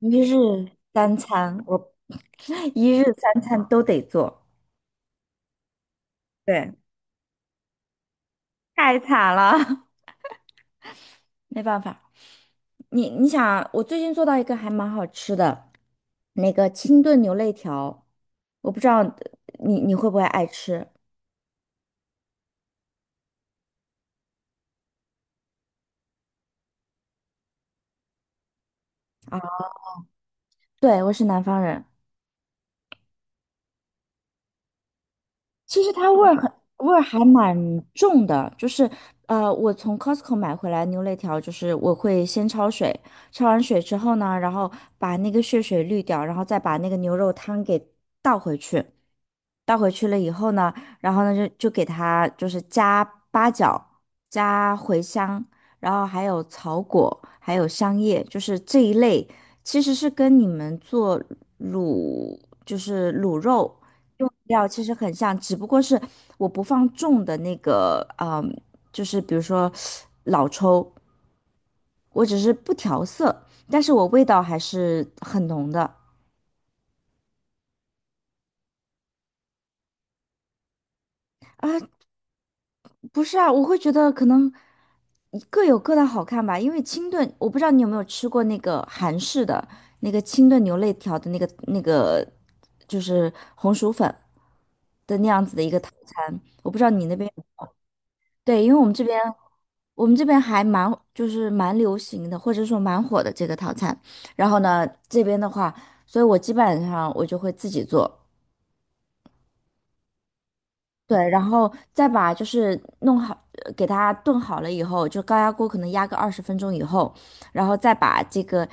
一日三餐，我 一日三餐都得做，对，太惨了，没办法。你想，我最近做到一个还蛮好吃的，那个清炖牛肋条，我不知道你会不会爱吃啊？对，我是南方人，其实它味儿还蛮重的，就是我从 Costco 买回来牛肋条，就是我会先焯水，焯完水之后呢，然后把那个血水滤掉，然后再把那个牛肉汤给倒回去，倒回去了以后呢，然后呢就给它就是加八角、加茴香，然后还有草果，还有香叶，就是这一类，其实是跟你们做卤就是卤肉。用料其实很像，只不过是我不放重的那个，就是比如说老抽，我只是不调色，但是我味道还是很浓的。不是啊，我会觉得可能各有各的好看吧，因为清炖，我不知道你有没有吃过那个韩式的那个清炖牛肋条的那个，就是红薯粉的那样子的一个套餐。对，因为我们这边还蛮就是蛮流行的，或者说蛮火的这个套餐。然后呢，这边的话，所以我基本上就会自己做。对，然后再把就是弄好，给它炖好了以后，就高压锅可能压个20分钟以后，然后再把这个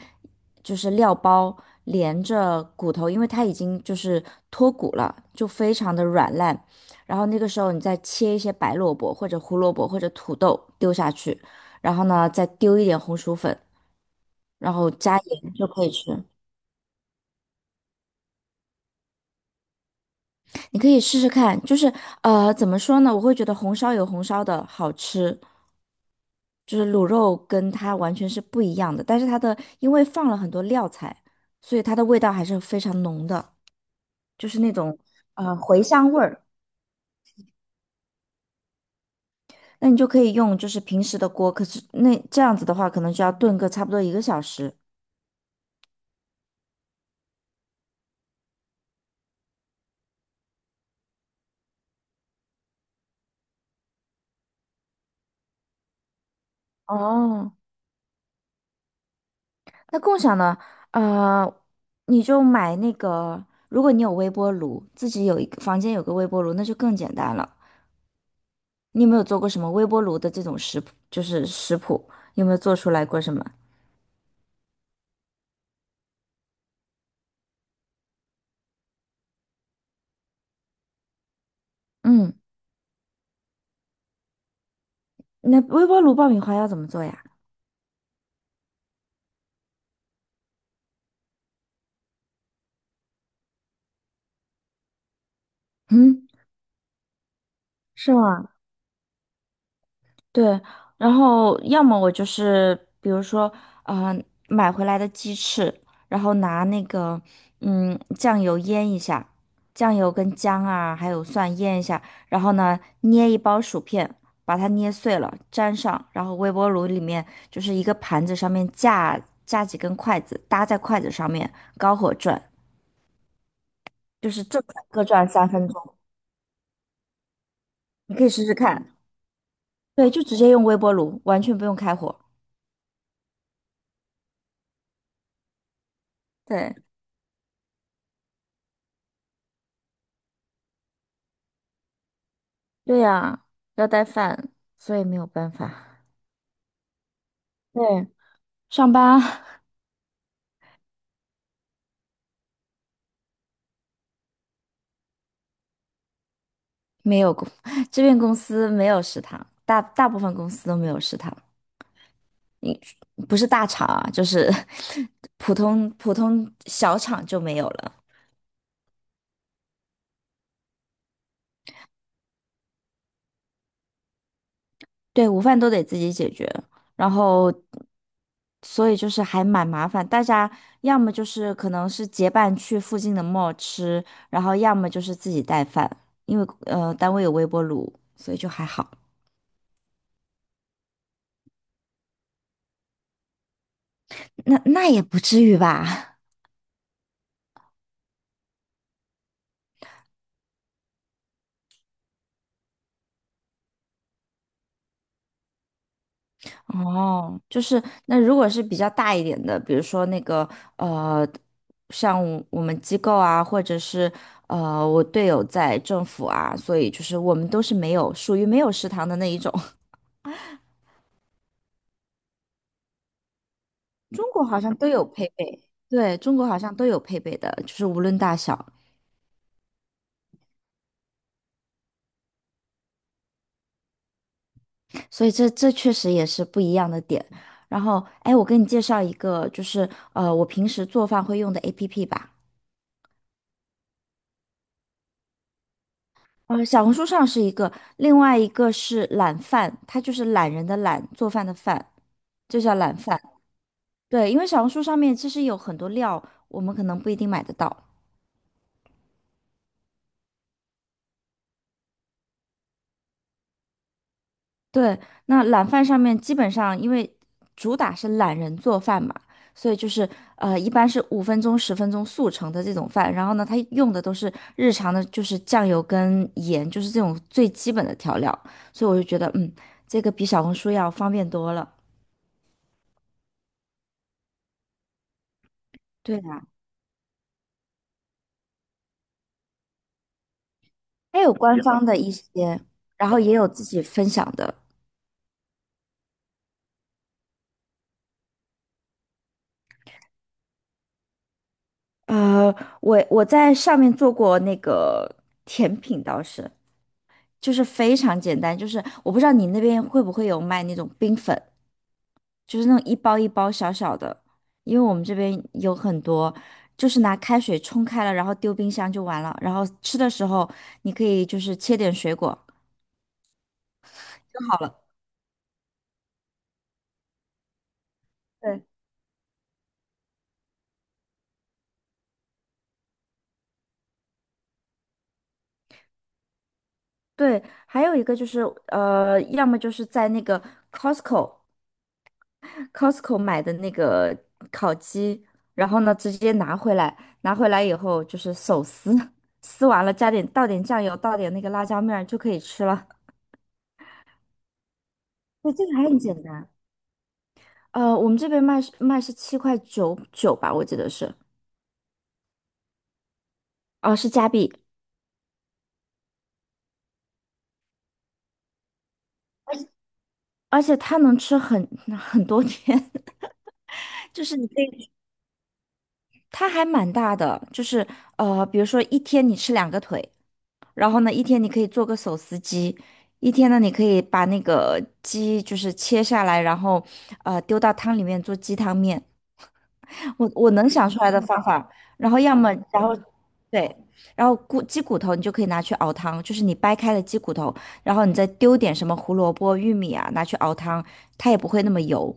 就是料包连着骨头，因为它已经就是脱骨了，就非常的软烂。然后那个时候你再切一些白萝卜或者胡萝卜或者土豆丢下去，然后呢再丢一点红薯粉，然后加盐就可以吃。你可以试试看，就是怎么说呢？我会觉得红烧有红烧的好吃，就是卤肉跟它完全是不一样的。但是它的因为放了很多料材，所以它的味道还是非常浓的，就是那种茴香味儿。那你就可以用就是平时的锅，可是那这样子的话，可能就要炖个差不多一个小时。哦，那共享呢？呃，你就买那个，如果你有微波炉，自己有一个房间有个微波炉，那就更简单了。你有没有做过什么微波炉的这种食谱？就是食谱，有没有做出来过什么？嗯，那微波炉爆米花要怎么做呀？嗯，是吗？对，然后要么我就是，比如说，嗯、买回来的鸡翅，然后拿那个，酱油腌一下，酱油跟姜啊，还有蒜腌一下，然后呢，捏一包薯片，把它捏碎了，粘上，然后微波炉里面就是一个盘子上面架几根筷子，搭在筷子上面，高火转，就是正反各转3分钟，你可以试试看。对，就直接用微波炉，完全不用开火。对。对呀，要带饭，所以没有办法。对，上班 没有公，这边公司没有食堂，大部分公司都没有食堂。你不是大厂啊，就是 普通小厂就没有了。对，午饭都得自己解决，然后所以就是还蛮麻烦。大家要么就是可能是结伴去附近的 mall 吃，然后要么就是自己带饭，因为单位有微波炉，所以就还好。那也不至于吧？哦，就是那如果是比较大一点的，比如说那个呃，像我们机构啊，或者是我队友在政府啊，所以就是我们都是没有属于没有食堂的那一种。中国好像都有配备，对，中国好像都有配备的，就是无论大小，所以这确实也是不一样的点。然后，哎，我给你介绍一个，就是我平时做饭会用的 APP 吧。小红书上是一个，另外一个是懒饭，它就是懒人的懒，做饭的饭，就叫懒饭。对，因为小红书上面其实有很多料，我们可能不一定买得到。对，那懒饭上面基本上因为主打是懒人做饭嘛，所以就是一般是5分钟、十分钟速成的这种饭。然后呢，它用的都是日常的，就是酱油跟盐，就是这种最基本的调料。所以我就觉得，这个比小红书要方便多了。对啊。它有官方的一些，然后也有自己分享的。呃，我在上面做过那个甜品，倒是就是非常简单，就是我不知道你那边会不会有卖那种冰粉，就是那种一包一包小小的，因为我们这边有很多，就是拿开水冲开了，然后丢冰箱就完了，然后吃的时候你可以就是切点水果就好了。对对，还有一个就是要么就是在那个 Costco。Costco 买的那个烤鸡，然后呢直接拿回来，拿回来以后就是手撕，撕完了倒点酱油，倒点那个辣椒面儿就可以吃了。对，这个还很简单。我们这边卖是7.99块吧，我记得是，哦、是加币，而且它能吃很 很多天，就是你可以，它还蛮大的，就是比如说一天你吃两个腿，然后呢，一天你可以做个手撕鸡，一天呢，你可以把那个鸡就是切下来，然后丢到汤里面做鸡汤面。我能想出来的方法，然后要么然后对，然后鸡骨头你就可以拿去熬汤，就是你掰开了鸡骨头，然后你再丢点什么胡萝卜、玉米啊，拿去熬汤，它也不会那么油。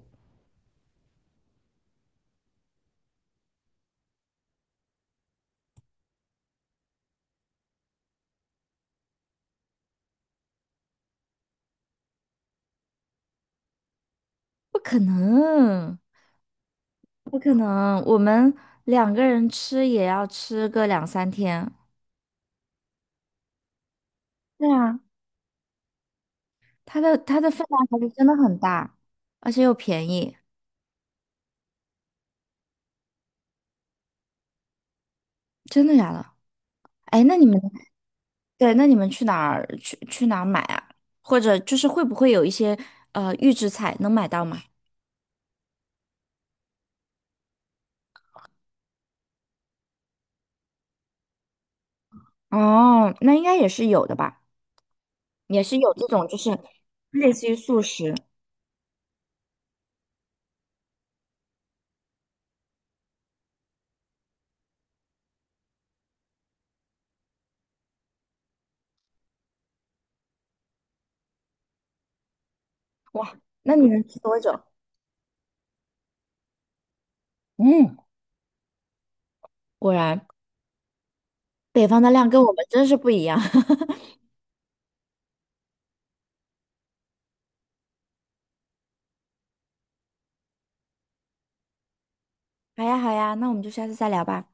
不可能，不可能，我们两个人吃也要吃个2、3天。对啊。它的分量还是真的很大，而且又便宜，真的假的？哎，那你们对，那你们去哪儿买啊？或者就是会不会有一些预制菜能买到吗？哦，那应该也是有的吧，也是有这种就是类似于速食。哇，那你能吃多久？嗯，果然北方的量跟我们真是不一样。好呀好呀，那我们就下次再聊吧。